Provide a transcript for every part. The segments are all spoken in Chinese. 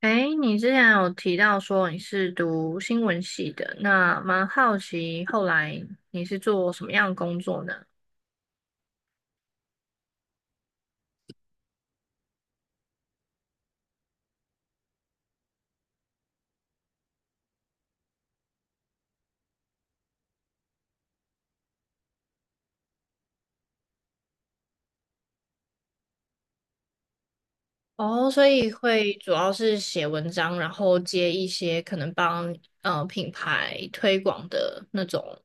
哎，你之前有提到说你是读新闻系的，那蛮好奇后来你是做什么样的工作呢？哦，所以会主要是写文章，然后接一些可能帮品牌推广的那种。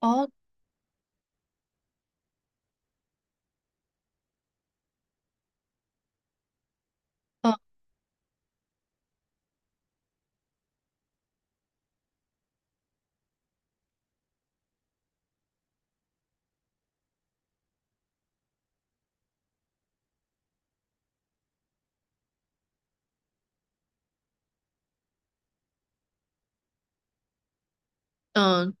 哦，嗯嗯，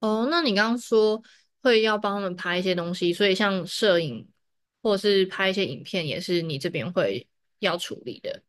哦，那你刚刚说会要帮他们拍一些东西，所以像摄影或是拍一些影片，也是你这边会要处理的。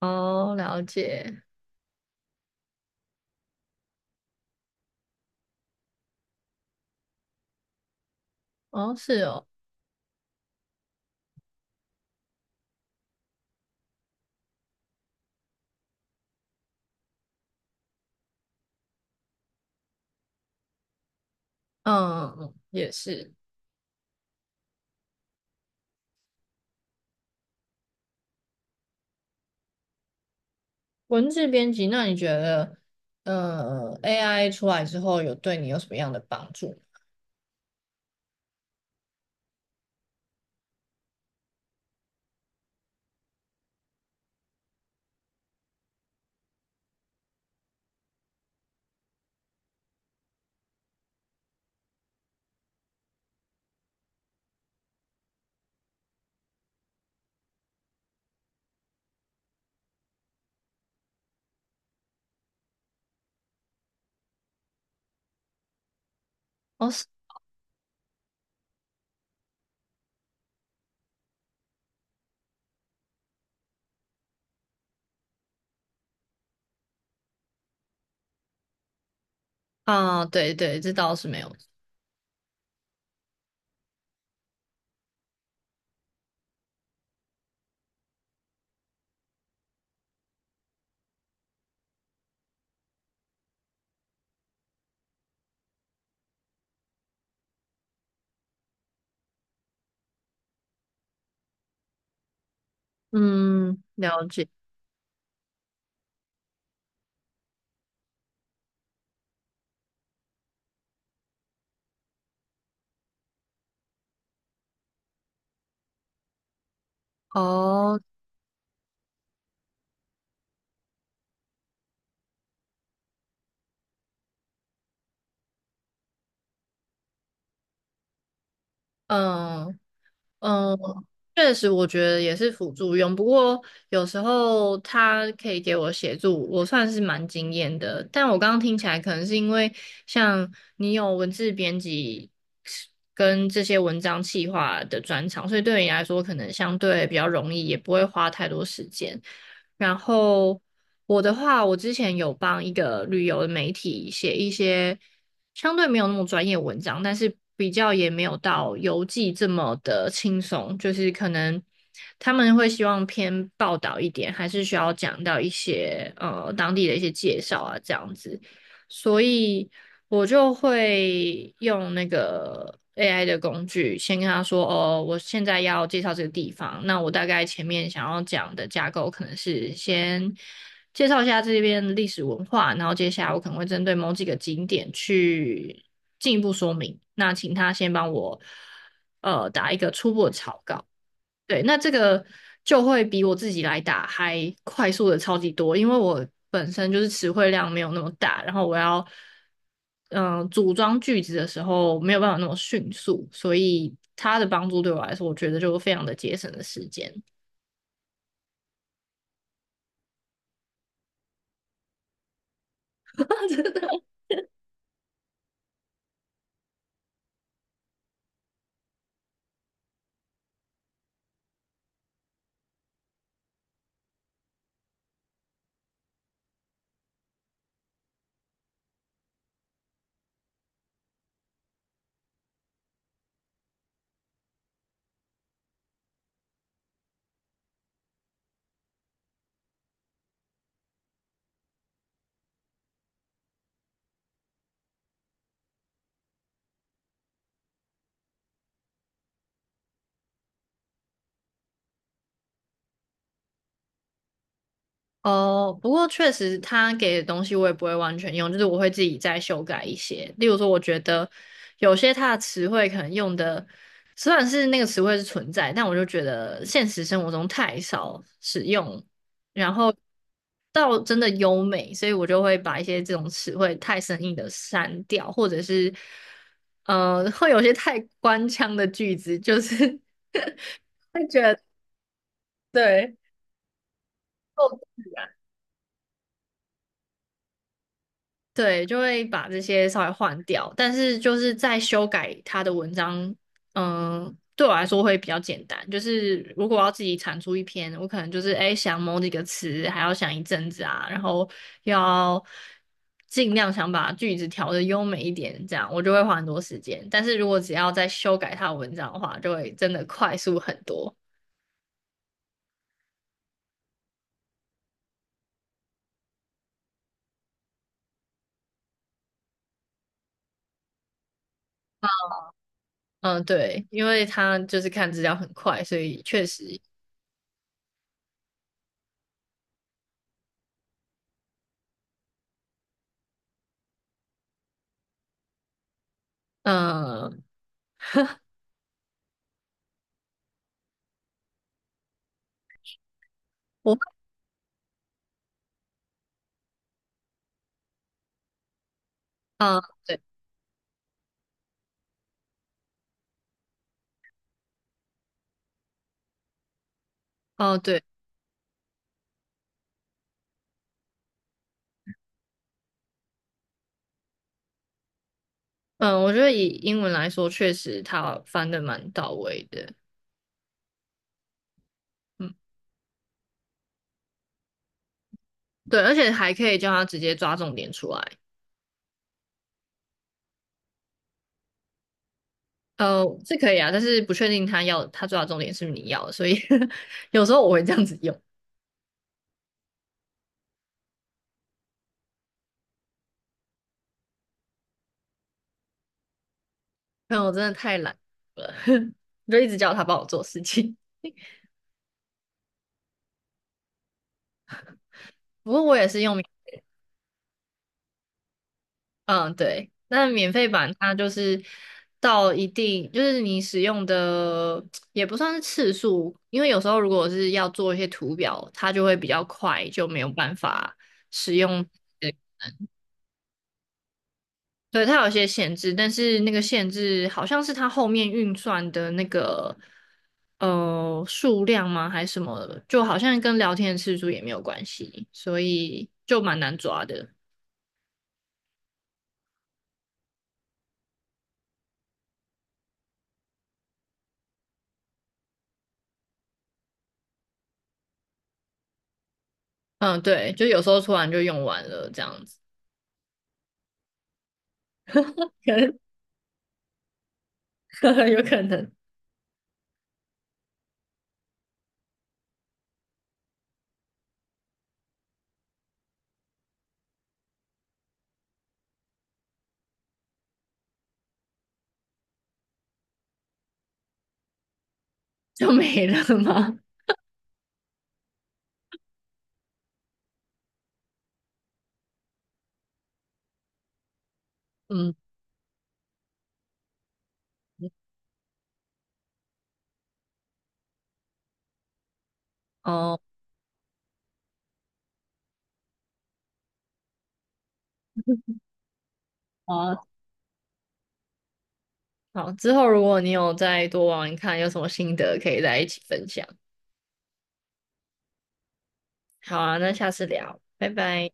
哦，了解。哦，是哦。嗯，也是文字编辑。那你觉得，AI 出来之后有对你有什么样的帮助？哦，是啊，对对，这倒是没有。嗯，了解。哦，嗯嗯，确实，我觉得也是辅助用。不过有时候它可以给我协助，我算是蛮惊艳的。但我刚刚听起来，可能是因为像你有文字编辑跟这些文章企划的专长，所以对你来说可能相对比较容易，也不会花太多时间。然后我的话，我之前有帮一个旅游的媒体写一些相对没有那么专业的文章，但是比较也没有到游记这么的轻松，就是可能他们会希望偏报道一点，还是需要讲到一些当地的一些介绍啊这样子。所以我就会用那个 AI 的工具，先跟他说，哦，我现在要介绍这个地方，那我大概前面想要讲的架构可能是先介绍一下这边的历史文化，然后接下来我可能会针对某几个景点去进一步说明。那请他先帮我打一个初步的草稿。对，那这个就会比我自己来打还快速的超级多，因为我本身就是词汇量没有那么大，然后我要组装句子的时候没有办法那么迅速，所以它的帮助对我来说，我觉得就非常的节省了时间。哦，不过确实他给的东西我也不会完全用，就是我会自己再修改一些。例如说，我觉得有些他的词汇可能用的，虽然是那个词汇是存在，但我就觉得现实生活中太少使用，然后到真的优美，所以我就会把一些这种词汇太生硬的删掉，或者是会有些太官腔的句子，就是 会觉得对。够自然对，就会把这些稍微换掉，但是就是在修改他的文章，嗯，对我来说会比较简单。就是如果我要自己产出一篇，我可能就是哎想某几个词，还要想一阵子啊，然后要尽量想把句子调的优美一点，这样我就会花很多时间。但是如果只要再修改他的文章的话，就会真的快速很多。嗯，对，因为他就是看资料很快，所以确实，嗯，我，嗯，对。哦，对。嗯，我觉得以英文来说，确实他翻的蛮到位的。嗯，对，而且还可以叫他直接抓重点出来。是可以啊，但是不确定他要他抓的重点是不是你要的，所以 有时候我会这样子用。但我真的太懒了，就一直叫他帮我做事情。不过我也是用。嗯，对，那免费版它就是到一定，就是你使用的也不算是次数，因为有时候如果是要做一些图表，它就会比较快，就没有办法使用。对，对它有一些限制，但是那个限制好像是它后面运算的那个数量吗，还是什么的，就好像跟聊天的次数也没有关系，所以就蛮难抓的。嗯，对，就有时候突然就用完了这样子。呵呵有可能就没了吗？嗯，哦，好啊好，之后如果你有再多玩玩看，有什么心得可以在一起分享。好啊，那下次聊，拜拜。